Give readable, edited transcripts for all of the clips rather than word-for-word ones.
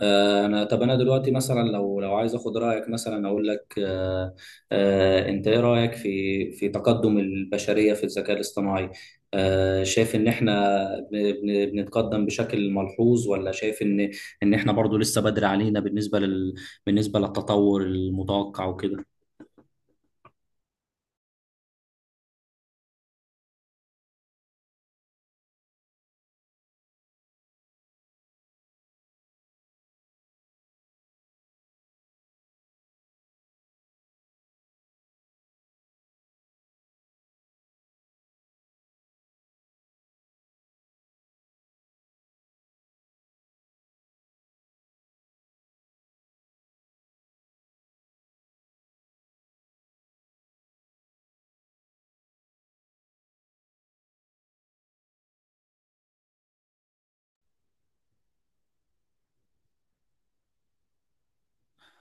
طب انا دلوقتي مثلا لو عايز اخد رايك، مثلا اقول لك انت ايه رايك في تقدم البشريه في الذكاء الاصطناعي؟ شايف ان احنا بنتقدم بشكل ملحوظ، ولا شايف ان ان احنا برضو لسه بدري علينا بالنسبه للتطور المتوقع وكده؟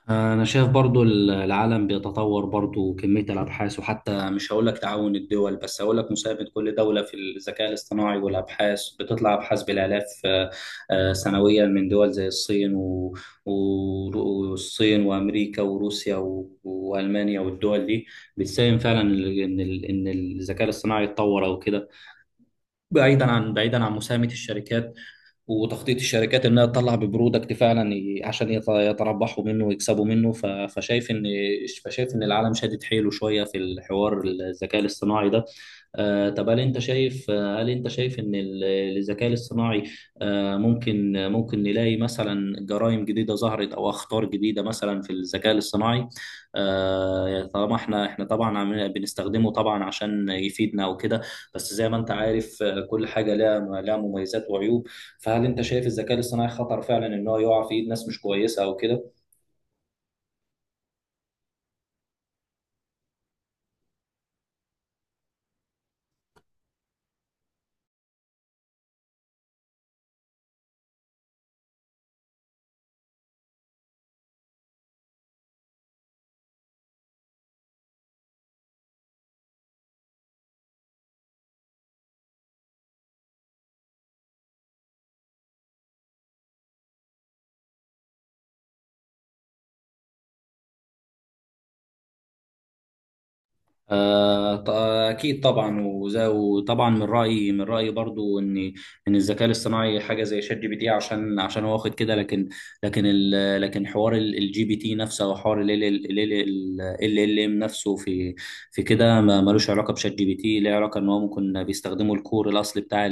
أنا شايف برضو العالم بيتطور، برضو كمية الأبحاث، وحتى مش هقول لك تعاون الدول، بس هقول لك مساهمة كل دولة في الذكاء الاصطناعي، والأبحاث بتطلع أبحاث بالآلاف سنويا، من دول زي الصين والصين وأمريكا وروسيا وألمانيا، والدول دي بتساهم فعلا إن الذكاء الاصطناعي يتطور أو كده، بعيدا عن مساهمة الشركات، وتخطيط الشركات انها تطلع ببرودكت فعلا، عشان يتربحوا منه ويكسبوا منه، فشايف ان العالم شادد حيله شويه في الحوار الذكاء الاصطناعي ده. طب، هل انت شايف ان الذكاء الاصطناعي ممكن نلاقي مثلا جرائم جديده ظهرت، او اخطار جديده مثلا في الذكاء الاصطناعي؟ طالما احنا طبعا بنستخدمه، طبعا عشان يفيدنا وكده، بس زي ما انت عارف كل حاجه لها مميزات وعيوب، فهل انت شايف الذكاء الاصطناعي خطر فعلا ان هو يقع في ايد ناس مش كويسه او كده؟ آه، ط- أكيد طبعا، وطبعا من رأيي برضو إن الذكاء الاصطناعي حاجة زي شات جي بي تي، عشان هو واخد كده، لكن، لكن ال لكن حوار الجي بي تي نفسه، أو حوار ال ام نفسه في، كده ملوش علاقة بشات جي بي تي، ليه علاقة إن هو ممكن بيستخدموا الكور الأصلي بتاع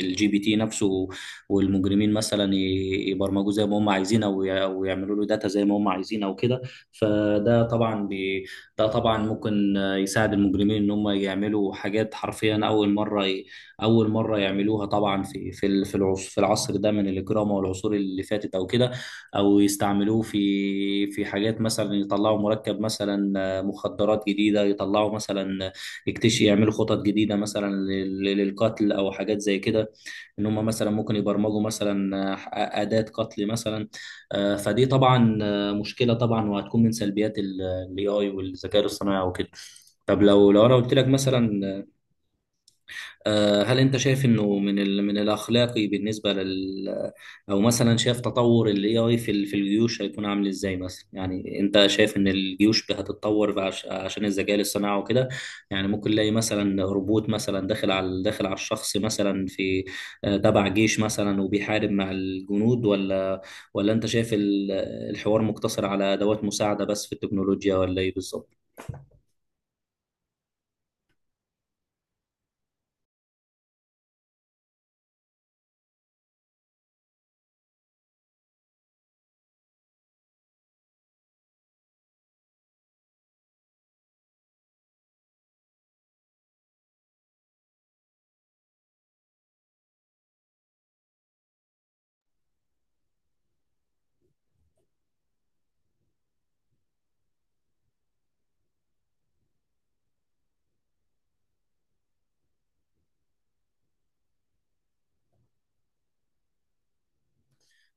الجي بي تي نفسه، والمجرمين مثلا يبرمجوه زي ما هم عايزين، أو أو يعملوا له داتا زي ما هم عايزين أو كده. فده طبعا ده طبعا ممكن يساعد المجرمين ان هم يعملوا حاجات حرفيا اول مره يعملوها، طبعا في العصر ده من الاجرام، والعصور اللي فاتت او كده، او يستعملوه في حاجات، مثلا يطلعوا مركب، مثلا مخدرات جديده يطلعوا، مثلا يكتشف، يعملوا خطط جديده مثلا للقتل او حاجات زي كده، ان هم مثلا ممكن يبرمجوا مثلا اداه قتل مثلا. فدي طبعا مشكله طبعا، وهتكون من سلبيات الاي اي والذكاء الاصطناعي وكده. طب لو انا قلت لك مثلا، هل انت شايف انه من من الاخلاقي بالنسبه لل او مثلا شايف تطور الاي اي في في الجيوش هيكون عامل ازاي مثلا؟ يعني انت شايف ان الجيوش هتتطور عشان الذكاء الاصطناعي وكده؟ يعني ممكن نلاقي مثلا روبوت، مثلا داخل على الشخص مثلا في تبع جيش مثلا، وبيحارب مع الجنود، ولا انت شايف الحوار مقتصر على ادوات مساعده بس في التكنولوجيا، ولا ايه بالظبط؟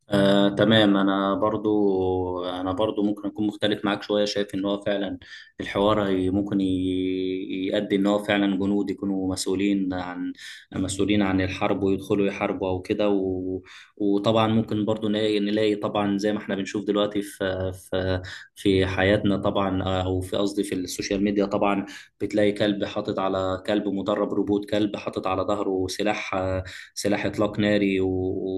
تمام، انا برضو ممكن اكون مختلف معاك شويه، شايف ان هو فعلا الحوار ممكن يؤدي ان هو فعلا جنود يكونوا مسؤولين عن، الحرب، ويدخلوا يحاربوا او كده، وطبعا ممكن برضو نلاقي طبعا زي ما احنا بنشوف دلوقتي في في حياتنا طبعا، او في قصدي في السوشيال ميديا طبعا، بتلاقي كلب مدرب روبوت كلب حاطط على ظهره سلاح اطلاق ناري،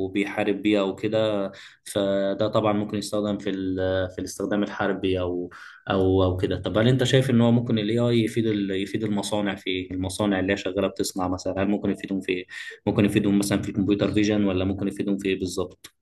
وبيحارب بيه او كده، فده طبعا ممكن يستخدم في في الاستخدام الحربي، او كده. طب هل انت شايف ان هو ممكن الاي اي يفيد يفيد المصانع في إيه؟ المصانع اللي هي شغاله بتصنع مثلا، هل ممكن يفيدهم في إيه؟ ممكن يفيدهم مثلا في الكمبيوتر فيجن، ولا ممكن يفيدهم في ايه بالظبط؟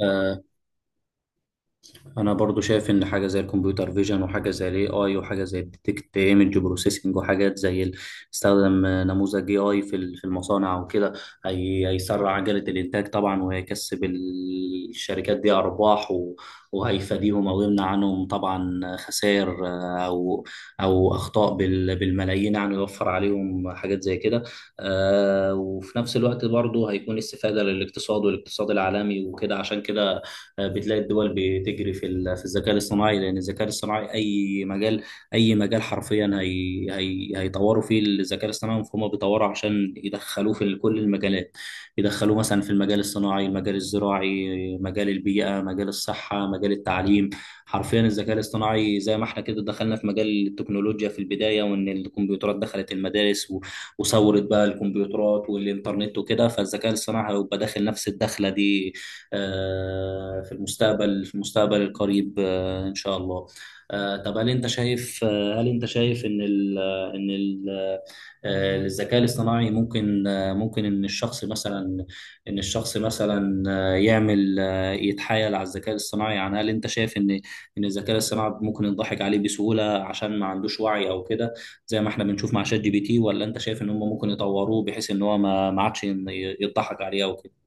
آه، انا برضو شايف ان حاجه زي الكمبيوتر فيجن، وحاجه زي الاي اي، وحاجه زي الديتكت ايمج بروسيسنج، وحاجات زي استخدم نموذج اي اي في في المصانع وكده، هيسرع عجله الانتاج طبعا، وهيكسب الشركات دي ارباح، وهيفاديهم او يمنع عنهم طبعا خسائر، او اخطاء بالملايين، يعني يوفر عليهم حاجات زي كده. وفي نفس الوقت برضو هيكون استفاده للاقتصاد والاقتصاد العالمي وكده، عشان كده بتلاقي الدول بتجري في في الذكاء الاصطناعي، لان الذكاء الاصطناعي اي مجال، حرفيا هي هي هيطوروا فيه الذكاء الاصطناعي، فهم بيطوروا عشان يدخلوه في كل المجالات، يدخلوه مثلا في المجال الصناعي، المجال الزراعي، مجال البيئة، مجال الصحة، مجال التعليم، حرفيا الذكاء الاصطناعي زي ما احنا كده دخلنا في مجال التكنولوجيا في البداية، وان الكمبيوترات دخلت المدارس، وصورت بقى الكمبيوترات والانترنت وكده، فالذكاء الاصطناعي هيبقى داخل نفس الدخلة دي في المستقبل، في المستقبل القريب ان شاء الله. طب، هل انت شايف ان ال آه، ان ال آه، آه، الذكاء الاصطناعي ممكن، ممكن ان الشخص مثلا، آه، يعمل آه، يتحايل على الذكاء الاصطناعي. يعني هل انت شايف ان الذكاء الاصطناعي ممكن يضحك عليه بسهولة، عشان ما عندوش وعي او كده، زي ما احنا بنشوف مع شات جي بي تي؟ ولا انت شايف ان هم ممكن يطوروه بحيث ان هو ما عادش يضحك عليه او كده؟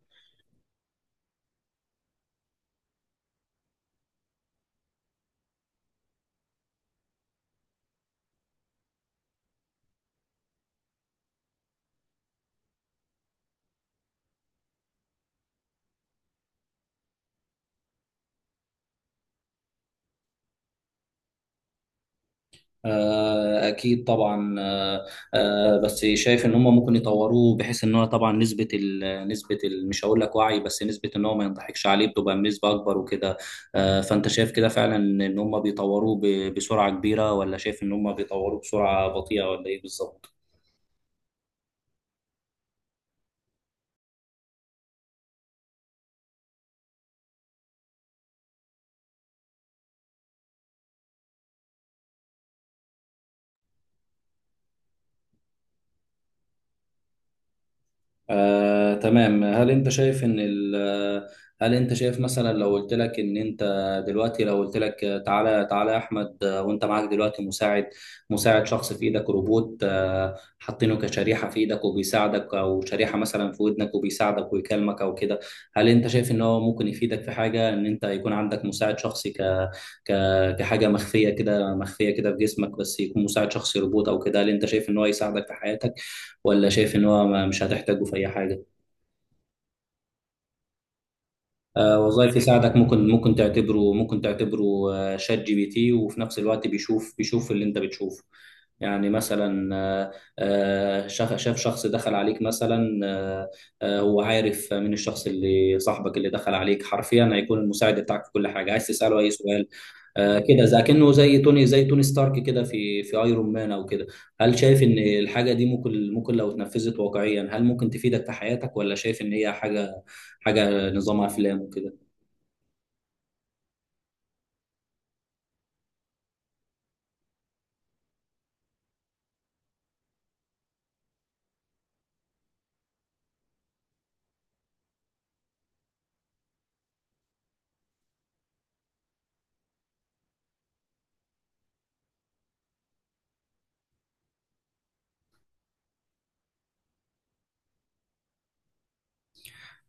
أكيد طبعا، بس شايف إن هم ممكن يطوروه بحيث إن هو طبعا نسبة، ال نسبة ال مش هقول لك وعي، بس نسبة إن هو ما ينضحكش عليه بتبقى بنسبة أكبر وكده. فأنت شايف كده فعلا إن هم بيطوروه بسرعة كبيرة، ولا شايف إن هم بيطوروه بسرعة بطيئة، ولا إيه بالظبط؟ تمام. هل انت شايف ان ال آه، هل انت شايف مثلا لو قلت لك تعالى تعالى يا احمد، وانت معاك دلوقتي مساعد شخص في ايدك روبوت، حاطينه كشريحة في ايدك وبيساعدك، او شريحة مثلا في ودنك وبيساعدك ويكلمك او كده، هل انت شايف ان هو ممكن يفيدك في حاجة، ان انت يكون عندك مساعد شخصي ك... كحاجة مخفية كده، في جسمك، بس يكون مساعد شخصي روبوت او كده؟ هل انت شايف ان هو يساعدك في حياتك، ولا شايف ان هو مش هتحتاجه في اي حاجه؟ وظائف يساعدك، ممكن تعتبره شات جي بي تي، وفي نفس الوقت بيشوف اللي انت بتشوفه، يعني مثلا شاف شخص دخل عليك مثلا، هو عارف من الشخص، اللي صاحبك اللي دخل عليك، حرفيا هيكون المساعد بتاعك في كل حاجه، عايز تساله اي سؤال. آه كده، زي كأنه زي توني ستارك كده في ايرون مان او كده. هل شايف ان الحاجه دي ممكن، ممكن لو اتنفذت واقعيا، هل ممكن تفيدك في حياتك، ولا شايف ان هي حاجه، نظام افلام وكده؟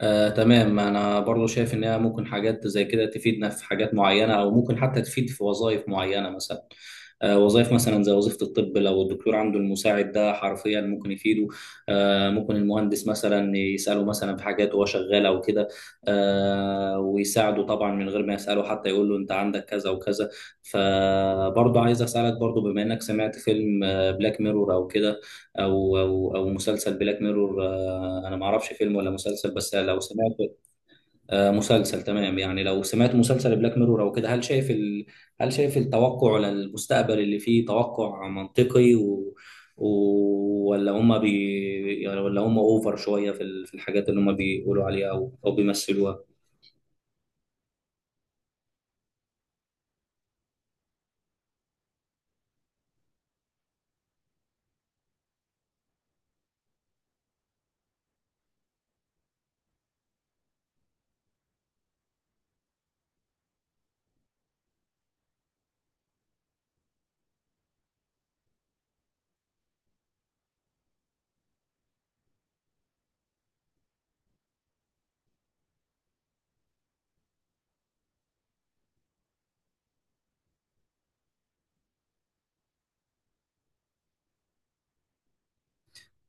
تمام، انا برضو شايف ان هي ممكن حاجات زي كده تفيدنا في حاجات معينه، او ممكن حتى تفيد في وظائف معينه مثلا، وظائف مثلا زي وظيفه الطب، لو الدكتور عنده المساعد ده حرفيا ممكن يفيده، ممكن المهندس مثلا يساله مثلا في حاجات وهو شغال او كده، ويساعده طبعا من غير ما يساله حتى، يقول له انت عندك كذا وكذا. فبرضو عايز اسالك برضو، بما انك سمعت فيلم بلاك ميرور او كده، او مسلسل بلاك ميرور، انا ما اعرفش فيلم ولا مسلسل، بس لو سمعت مسلسل، تمام، يعني لو سمعت مسلسل بلاك ميرور او كده، هل شايف هل شايف التوقع للمستقبل اللي فيه توقع منطقي، و... ولا هم بي... يعني ولا هم اوفر شوية في في الحاجات اللي هم بيقولوا عليها، او بيمثلوها؟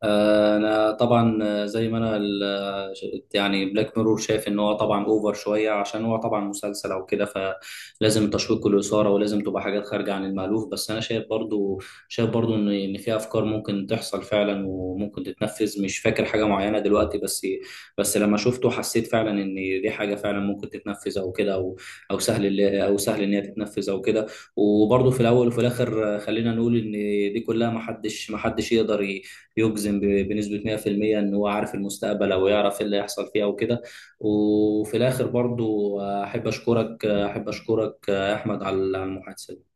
انا طبعا آه، زي ما انا ال- آه، يعني بلاك ميرور شايف ان هو طبعا اوفر شويه، عشان هو طبعا مسلسل او كده، فلازم التشويق والاثاره، ولازم تبقى حاجات خارجه عن المألوف، بس انا شايف برضو، ان في افكار ممكن تحصل فعلا، وممكن تتنفذ، مش فاكر حاجه معينه دلوقتي، بس لما شفته حسيت فعلا ان دي حاجه فعلا ممكن تتنفذ او كده، او او سهل ان هي تتنفذ او كده. وبرضو في الاول وفي الاخر، خلينا نقول ان دي كلها محدش يقدر يجزم بنسبة 100% إن هو عارف المستقبل، أو يعرف إيه اللي هيحصل فيه أو كده. وفي الآخر برضو أحب أشكرك يا أحمد على المحادثة.